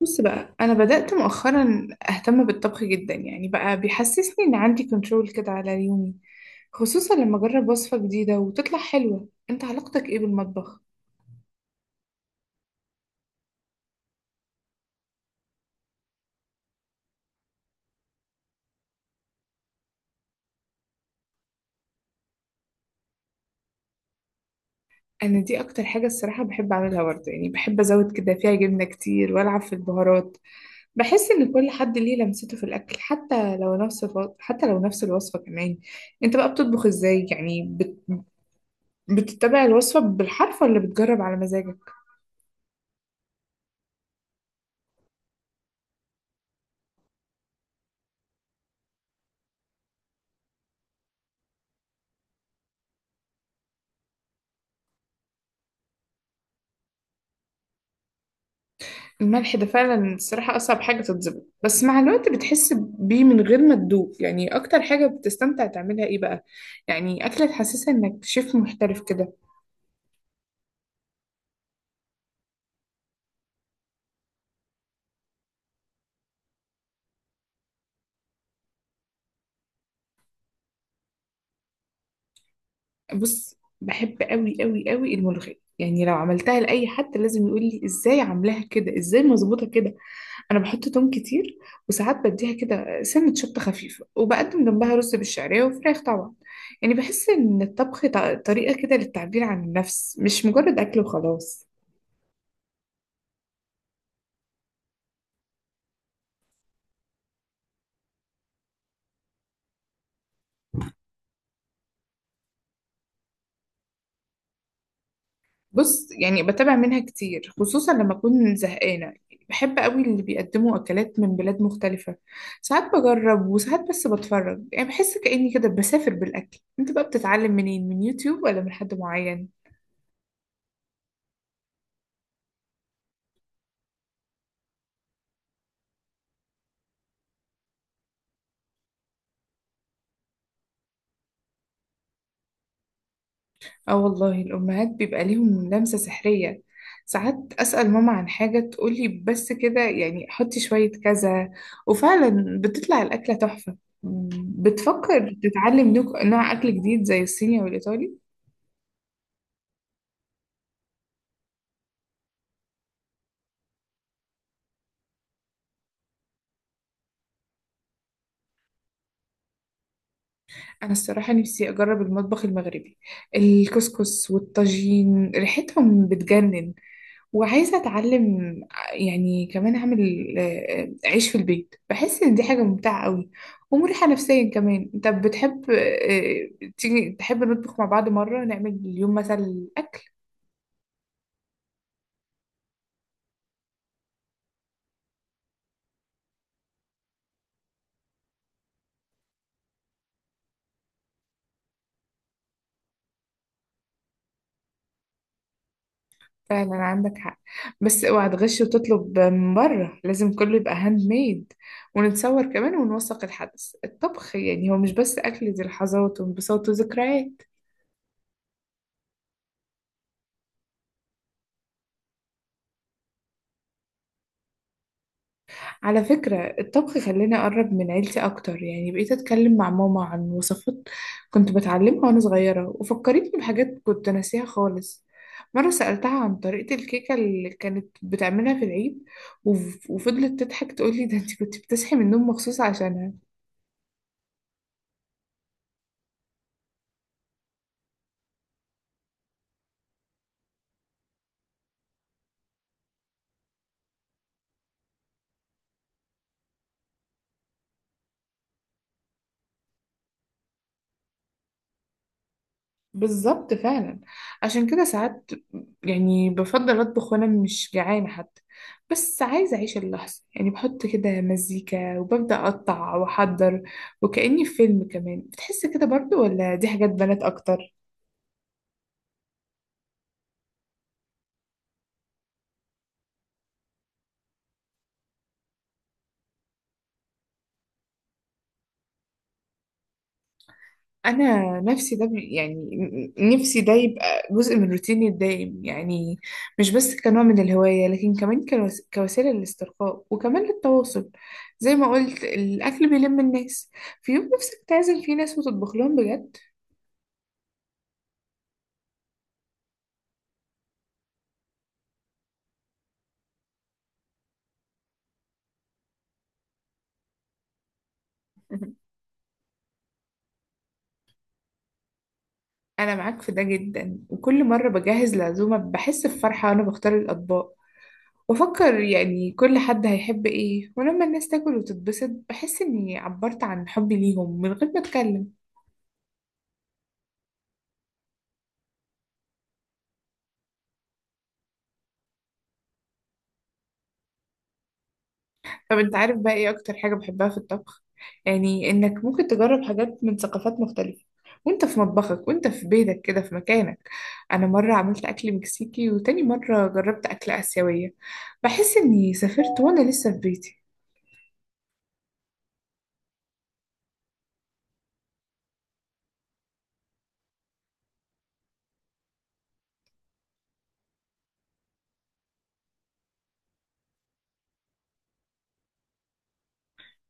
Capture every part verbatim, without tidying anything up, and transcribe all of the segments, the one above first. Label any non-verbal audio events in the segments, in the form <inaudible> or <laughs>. بص بقى، أنا بدأت مؤخرا أهتم بالطبخ جدا. يعني بقى بيحسسني إن عندي كنترول كده على يومي، خصوصا لما أجرب وصفة جديدة وتطلع حلوة. أنت علاقتك إيه بالمطبخ؟ أنا دي أكتر حاجة الصراحة بحب أعملها برضه، يعني بحب أزود كده فيها جبنة كتير وألعب في البهارات. بحس إن كل حد ليه لمسته في الأكل، حتى لو نفس الف... حتى لو نفس الوصفة كمان. أنت بقى بتطبخ إزاي؟ يعني بت... بتتبع الوصفة بالحرف ولا بتجرب على مزاجك؟ الملح ده فعلا الصراحة أصعب حاجة تتظبط، بس مع الوقت بتحس بيه من غير ما تدوق. يعني أكتر حاجة بتستمتع تعملها إيه بقى؟ يعني أكلة تحسسها إنك شيف محترف كده. بص بحب أوي أوي أوي الملوخية، يعني لو عملتها لأي حد لازم يقول لي إزاي عاملاها كده، إزاي مظبوطة كده. أنا بحط توم كتير، وساعات بديها كده سنة شطة خفيفة، وبقدم جنبها رز بالشعرية وفراخ طبعا. يعني بحس إن الطبخ ط- طريقة كده للتعبير عن النفس، مش مجرد أكل وخلاص. بص يعني بتابع منها كتير، خصوصا لما أكون زهقانة. بحب قوي اللي بيقدموا أكلات من بلاد مختلفة. ساعات بجرب وساعات بس بتفرج، يعني بحس كأني كده بسافر بالأكل. أنت بقى بتتعلم منين، من يوتيوب ولا من حد معين؟ آه والله، الأمهات بيبقى ليهم لمسة سحرية. ساعات أسأل ماما عن حاجة تقولي بس كده، يعني حطي شوية كذا، وفعلا بتطلع الأكلة تحفة. بتفكر تتعلم نوع نوع أكل جديد زي الصيني والإيطالي؟ أنا الصراحة نفسي أجرب المطبخ المغربي. الكسكس والطاجين ريحتهم بتجنن، وعايزة أتعلم. يعني كمان أعمل آه، عيش في البيت، بحس إن دي حاجة ممتعة قوي، ومريحة نفسيا كمان. طب بتحب آه، تيجي تحب نطبخ مع بعض مرة، نعمل اليوم مثلا أكل. فعلا عندك حق، بس اوعى تغش وتطلب من بره، لازم كله يبقى هاند ميد. ونتصور كمان ونوثق الحدث. الطبخ يعني هو مش بس أكل، دي لحظات وانبساط وذكريات. على فكرة، الطبخ خلاني أقرب من عيلتي أكتر. يعني بقيت أتكلم مع ماما عن وصفات كنت بتعلمها وأنا صغيرة، وفكرتني بحاجات كنت ناسيها خالص. مرة سألتها عن طريقة الكيكة اللي كانت بتعملها في العيد، وف- وفضلت تضحك تقولي، ده انت كنت بتصحي من النوم مخصوص عشانها. بالظبط فعلا. عشان كده ساعات يعني بفضل اطبخ وانا مش جعانه حتى، بس عايزه اعيش اللحظه. يعني بحط كده مزيكا وببدا اقطع واحضر، وكاني في فيلم. كمان بتحس كده برضو، ولا دي حاجات بنات اكتر؟ انا نفسي ده بي- يعني ن- ن- نفسي ده يبقى جزء من روتيني الدايم، يعني مش بس كنوع من الهواية، لكن كمان كوس- كوسيلة للاسترخاء وكمان للتواصل. زي ما قلت، الاكل بيلم الناس. في يوم نفسك تعزم فيه ناس وتطبخ لهم بجد؟ <laughs> انا معاك في ده جدا. وكل مرة بجهز العزومة بحس بفرحة وانا بختار الاطباق، بفكر يعني كل حد هيحب ايه. ولما الناس تاكل وتتبسط بحس اني عبرت عن حبي ليهم من غير ما اتكلم. طب انت عارف بقى ايه اكتر حاجة بحبها في الطبخ؟ يعني انك ممكن تجرب حاجات من ثقافات مختلفة وانت في مطبخك وانت في بيتك كده في مكانك. انا مرة عملت اكل مكسيكي، وتاني مرة جربت اكل اسيوية. بحس اني سافرت وانا لسه في بيتي.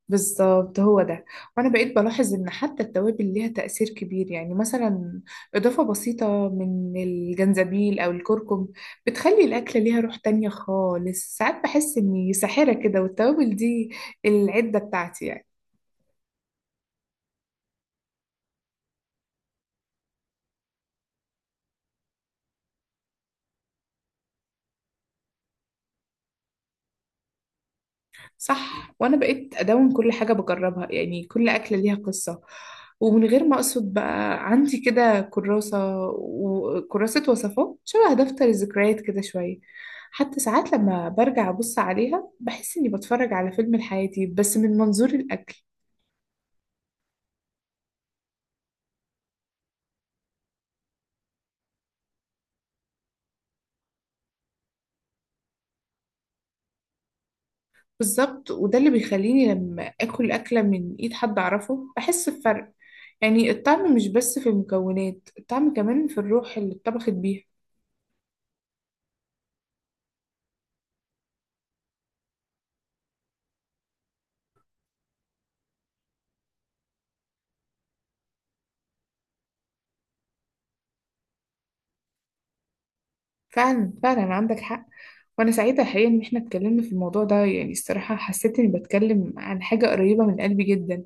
بالظبط هو ده. وانا بقيت بلاحظ ان حتى التوابل ليها تأثير كبير. يعني مثلا اضافة بسيطة من الجنزبيل او الكركم بتخلي الاكلة ليها روح تانية خالص. ساعات بحس اني ساحرة كده، والتوابل دي العدة بتاعتي يعني. صح، وانا بقيت ادون كل حاجه بجربها. يعني كل اكله ليها قصه، ومن غير ما اقصد بقى عندي كده كراسه وكراسه وصفات شبه دفتر الذكريات كده شويه. حتى ساعات لما برجع ابص عليها بحس اني بتفرج على فيلم لحياتي، بس من منظور الاكل. بالظبط، وده اللي بيخليني لما اكل اكله من ايد حد اعرفه بحس بفرق. يعني الطعم مش بس في المكونات، الطعم كمان في الروح اللي اتطبخت بيها. فعلا فعلا عندك حق. وانا سعيده الحقيقه ان احنا اتكلمنا في الموضوع ده، يعني الصراحه حسيت اني بتكلم عن حاجه قريبه من قلبي جدا.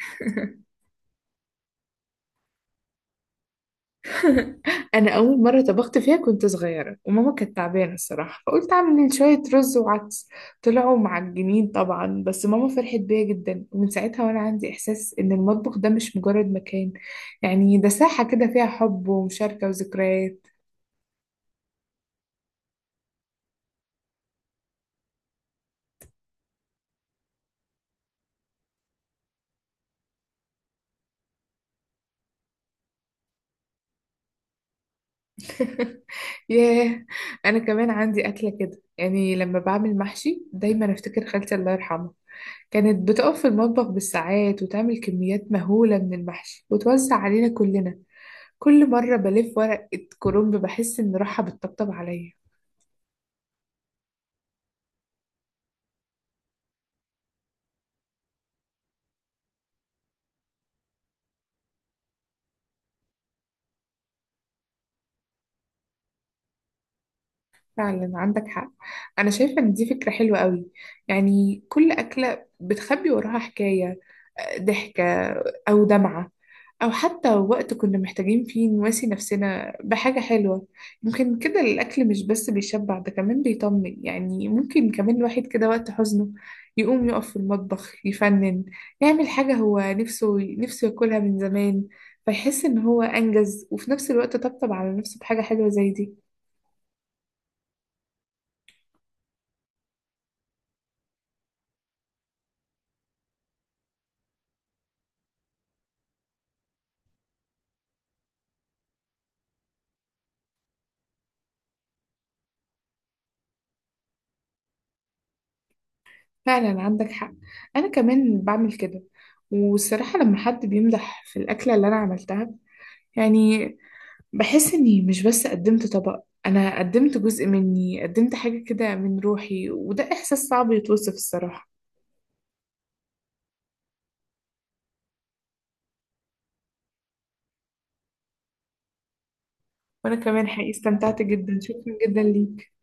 <laughs> انا اول مره طبخت فيها كنت صغيره وماما كانت تعبانه الصراحه، فقلت اعمل شويه رز وعدس. طلعوا معجنين طبعا، بس ماما فرحت بيا جدا. ومن ساعتها وانا عندي احساس ان المطبخ ده مش مجرد مكان، يعني ده ساحه كده فيها حب ومشاركه وذكريات. <laughs> ياه. انا كمان عندي اكله كده. يعني لما بعمل محشي دايما افتكر خالتي الله يرحمها. كانت بتقف في المطبخ بالساعات وتعمل كميات مهوله من المحشي وتوزع علينا كلنا. كل مره بلف ورقه كرنب بحس ان روحها بتطبطب عليا. فعلا عندك حق. انا شايفه ان دي فكره حلوه قوي. يعني كل اكله بتخبي وراها حكايه، آه، ضحكه او دمعه، او حتى وقت كنا محتاجين فيه نواسي نفسنا بحاجه حلوه. يمكن كده الاكل مش بس بيشبع، ده كمان بيطمن. يعني ممكن كمان الواحد كده وقت حزنه يقوم يقف في المطبخ يفنن، يعمل حاجه هو نفسه نفسه ياكلها من زمان، فيحس ان هو انجز، وفي نفس الوقت طبطب على نفسه بحاجه حلوه زي دي. فعلا عندك حق. انا كمان بعمل كده. والصراحة لما حد بيمدح في الأكلة اللي أنا عملتها، يعني بحس إني مش بس قدمت طبق، أنا قدمت جزء مني، قدمت حاجة كده من روحي. وده إحساس صعب يتوصف الصراحة. وأنا كمان حقيقي استمتعت جدا، شكرا جدا ليك.